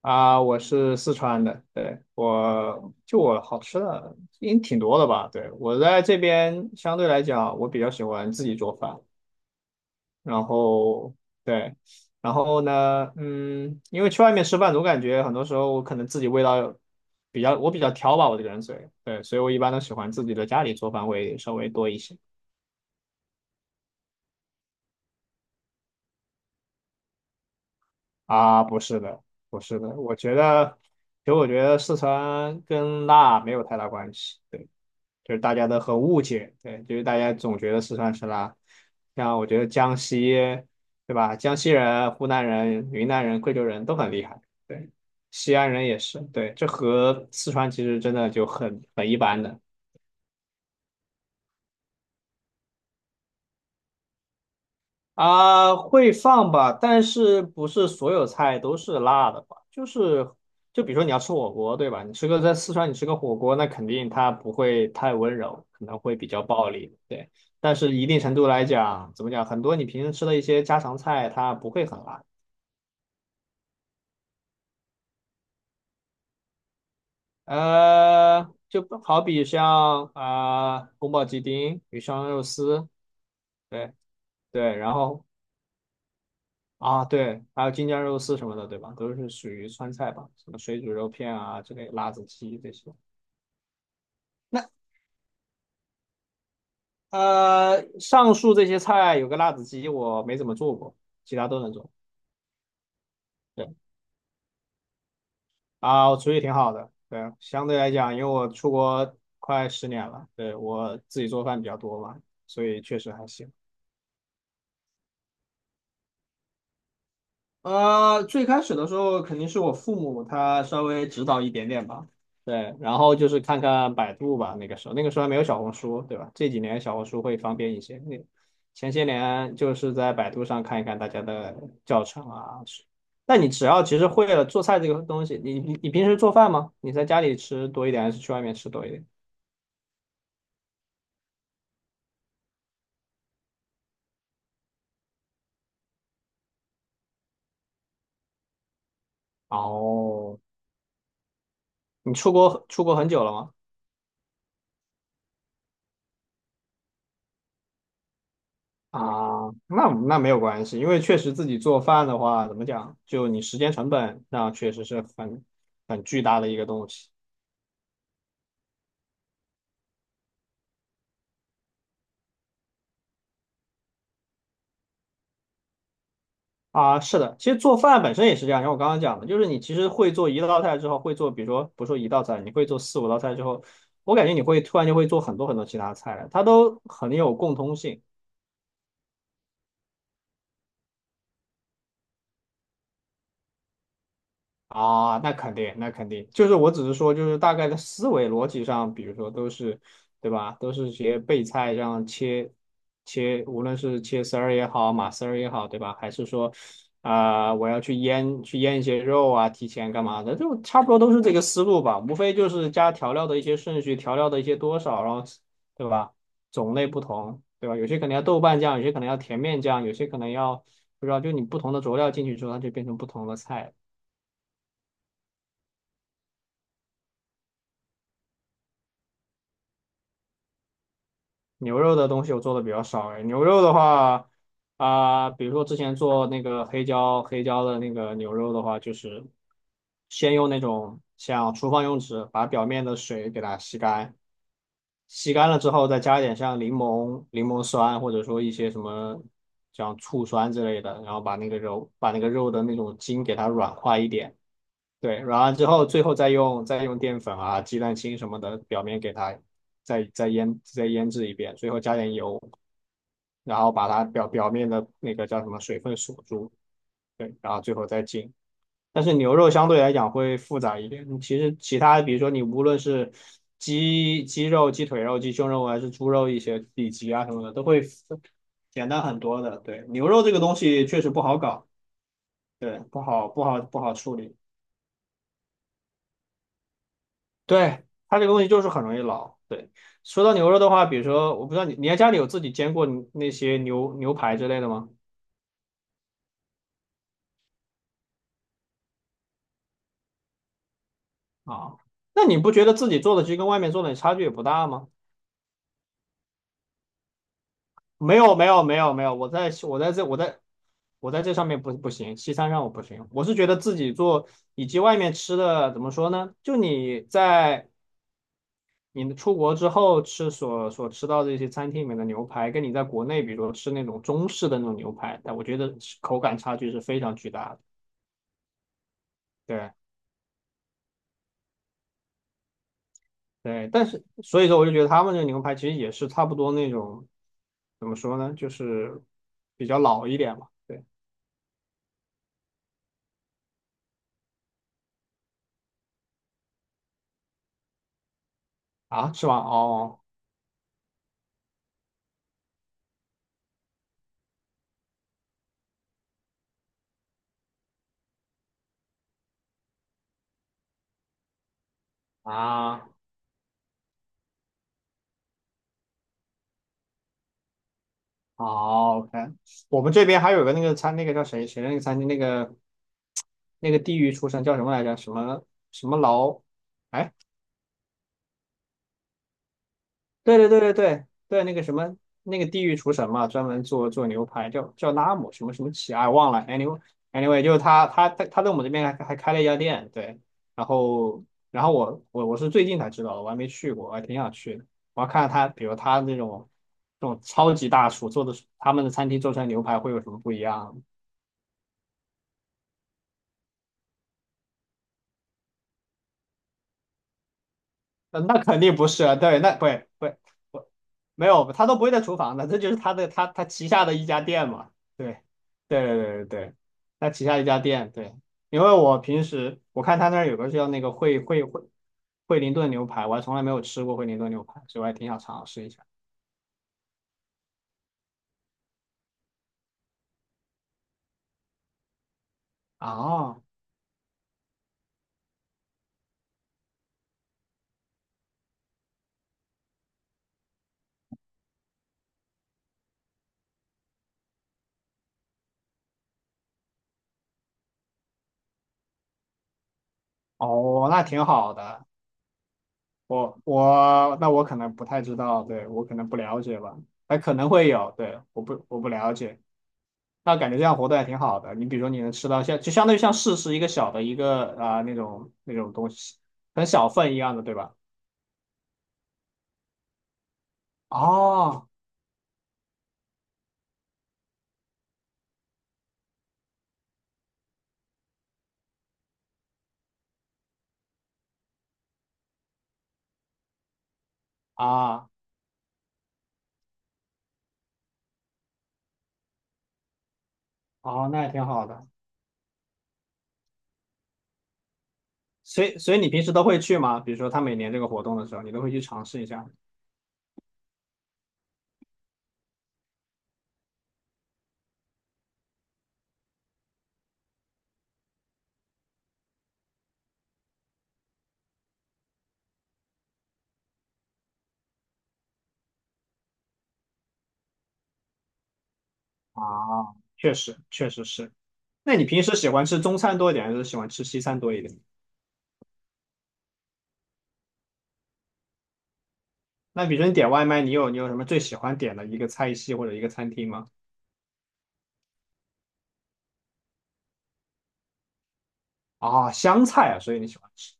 啊，我是四川的，对，我好吃的应挺多的吧？对，我在这边相对来讲，我比较喜欢自己做饭，然后对，然后呢，因为去外面吃饭，总感觉很多时候我可能自己味道我比较挑吧，我这个人嘴，对，所以我一般都喜欢自己的家里做饭会稍微多一些。啊，不是的，不是的，我觉得，其实我觉得四川跟辣没有太大关系，对。就是大家都很误解，对，就是大家总觉得四川吃辣，像我觉得江西，对吧？江西人、湖南人、云南人、贵州人都很厉害，对，西安人也是，对，这和四川其实真的就很一般的。啊，会放吧，但是不是所有菜都是辣的吧？就比如说你要吃火锅，对吧？你吃个在四川，你吃个火锅，那肯定它不会太温柔，可能会比较暴力，对。但是一定程度来讲，怎么讲？很多你平时吃的一些家常菜，它不会很辣。就好比像啊、宫保鸡丁、鱼香肉丝，对对，然后啊，对，还有京酱肉丝什么的，对吧？都是属于川菜吧，什么水煮肉片啊之类，辣子鸡这些。那上述这些菜有个辣子鸡，我没怎么做过，其他都能做。对啊，我厨艺挺好的。对，相对来讲，因为我出国快10年了，对，我自己做饭比较多嘛，所以确实还行。最开始的时候肯定是我父母他稍微指导一点点吧，对，然后就是看看百度吧，那个时候还没有小红书，对吧？这几年小红书会方便一些，那前些年就是在百度上看一看大家的教程啊。那你只要其实会了做菜这个东西，你平时做饭吗？你在家里吃多一点还是去外面吃多一点？哦，你出国很久了吗？啊，那没有关系，因为确实自己做饭的话，怎么讲，就你时间成本，那确实是很巨大的一个东西啊。是的，其实做饭本身也是这样，像我刚刚讲的，就是你其实会做一道菜之后，会做，比如说不说一道菜，你会做四五道菜之后，我感觉你会突然就会做很多很多其他菜了，它都很有共通性。啊，那肯定，那肯定，就是我只是说，就是大概的思维逻辑上，比如说都是，对吧？都是些备菜这样切切，无论是切丝儿也好，码丝儿也好，对吧？还是说，啊、我要去腌一些肉啊，提前干嘛的，就差不多都是这个思路吧，无非就是加调料的一些顺序，调料的一些多少，然后，对吧？种类不同，对吧？有些可能要豆瓣酱，有些可能要甜面酱，有些可能要不知道，就你不同的佐料进去之后，它就变成不同的菜。牛肉的东西我做的比较少哎，牛肉的话啊、比如说之前做那个黑椒的那个牛肉的话，就是先用那种像厨房用纸把表面的水给它吸干，吸干了之后再加一点像柠檬酸或者说一些什么像醋酸之类的，然后把那个肉的那种筋给它软化一点。对，然后之后最后再用淀粉啊、鸡蛋清什么的，表面给它再腌制一遍，最后加点油，然后把它表面的那个叫什么水分锁住，对，然后最后再浸。但是牛肉相对来讲会复杂一点，其实其他比如说你无论是鸡肉、鸡腿肉、鸡胸肉还是猪肉一些里脊啊什么的，都会简单很多的。对，牛肉这个东西确实不好搞，对，不好处理。对，它这个东西就是很容易老。对，说到牛肉的话，比如说，我不知道你在家里有自己煎过你那些牛排之类的吗？啊，那你不觉得自己做的其实跟外面做的差距也不大吗？没有，没有，没有，没有，我在这上面不行，西餐上我不行，我是觉得自己做以及外面吃的怎么说呢？就你出国之后吃所吃到的一些餐厅里面的牛排，跟你在国内比如说吃那种中式的那种牛排，但我觉得口感差距是非常巨大的。对对，但是所以说我就觉得他们这个牛排其实也是差不多那种，怎么说呢，就是比较老一点嘛。对啊，是吧？哦啊，好，OK。我们这边还有个那个餐，那个叫谁谁的那个餐厅，那个地狱出神叫什么来着？什么什么劳？哎，对对对对对对，那个什么，那个地狱厨神嘛，专门做做牛排，叫拉姆什么什么奇，哎，忘了。Anyway,就是他在我们这边还开了一家店，对。然后然后我是最近才知道的，我还没去过，我还挺想去的。我要看看他，比如他这种超级大厨做的，他们的餐厅做出来牛排会有什么不一样。那肯定不是啊，对，那不会不会不没有，他都不会在厨房的，这就是他旗下的一家店嘛，对，对对对对对，他旗下一家店，对，因为我平时我看他那儿有个叫那个惠灵顿牛排，我还从来没有吃过惠灵顿牛排，所以我还挺想尝试一下。啊，哦，那挺好的，那我可能不太知道，对，我可能不了解吧，还可能会有，对，我不了解。那感觉这样活动还挺好的。你比如说，你能吃到像就相当于像市是一个小的一个啊、那种东西，很小份一样的，对吧？哦啊哦，那也挺好的。所以你平时都会去吗？比如说他每年这个活动的时候，你都会去尝试一下啊？确实确实是。那你平时喜欢吃中餐多一点，还是喜欢吃西餐多一点？那比如说你点外卖，你有什么最喜欢点的一个菜系或者一个餐厅吗？啊，湘菜啊，所以你喜欢吃。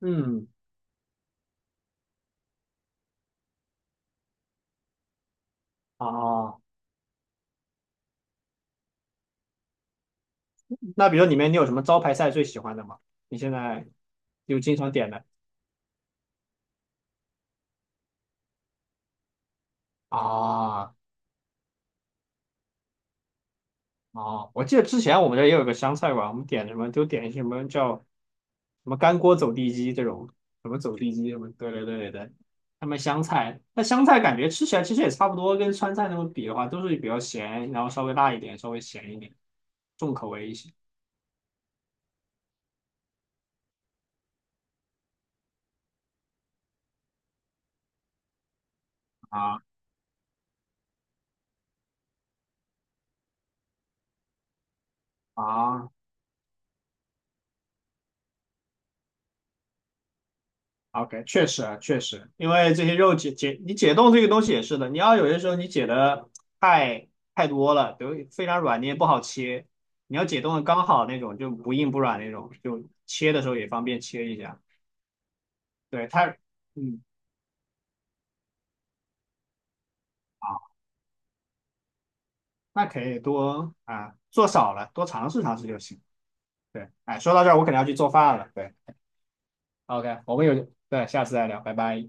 嗯啊，那比如说里面你有什么招牌菜最喜欢的吗？你现在有经常点的啊啊！我记得之前我们这儿也有个湘菜馆，我们点什么就点什么叫什么干锅走地鸡这种，什么走地鸡什么，对对对对对。他们湘菜，那湘菜感觉吃起来其实也差不多，跟川菜那种比的话，都是比较咸，然后稍微辣一点，稍微咸一点，重口味一些啊啊。 OK,确实啊，确实，因为这些肉你解冻这个东西也是的，你要有些时候你解的太太多了，比如非常软你也不好切，你要解冻的刚好那种，就不硬不软那种，就切的时候也方便切一下。对，它，嗯，好，那可以多啊，做少了多尝试尝试就行。对，哎，说到这儿我可能要去做饭了。对，OK,我们有，对，下次再聊，拜拜。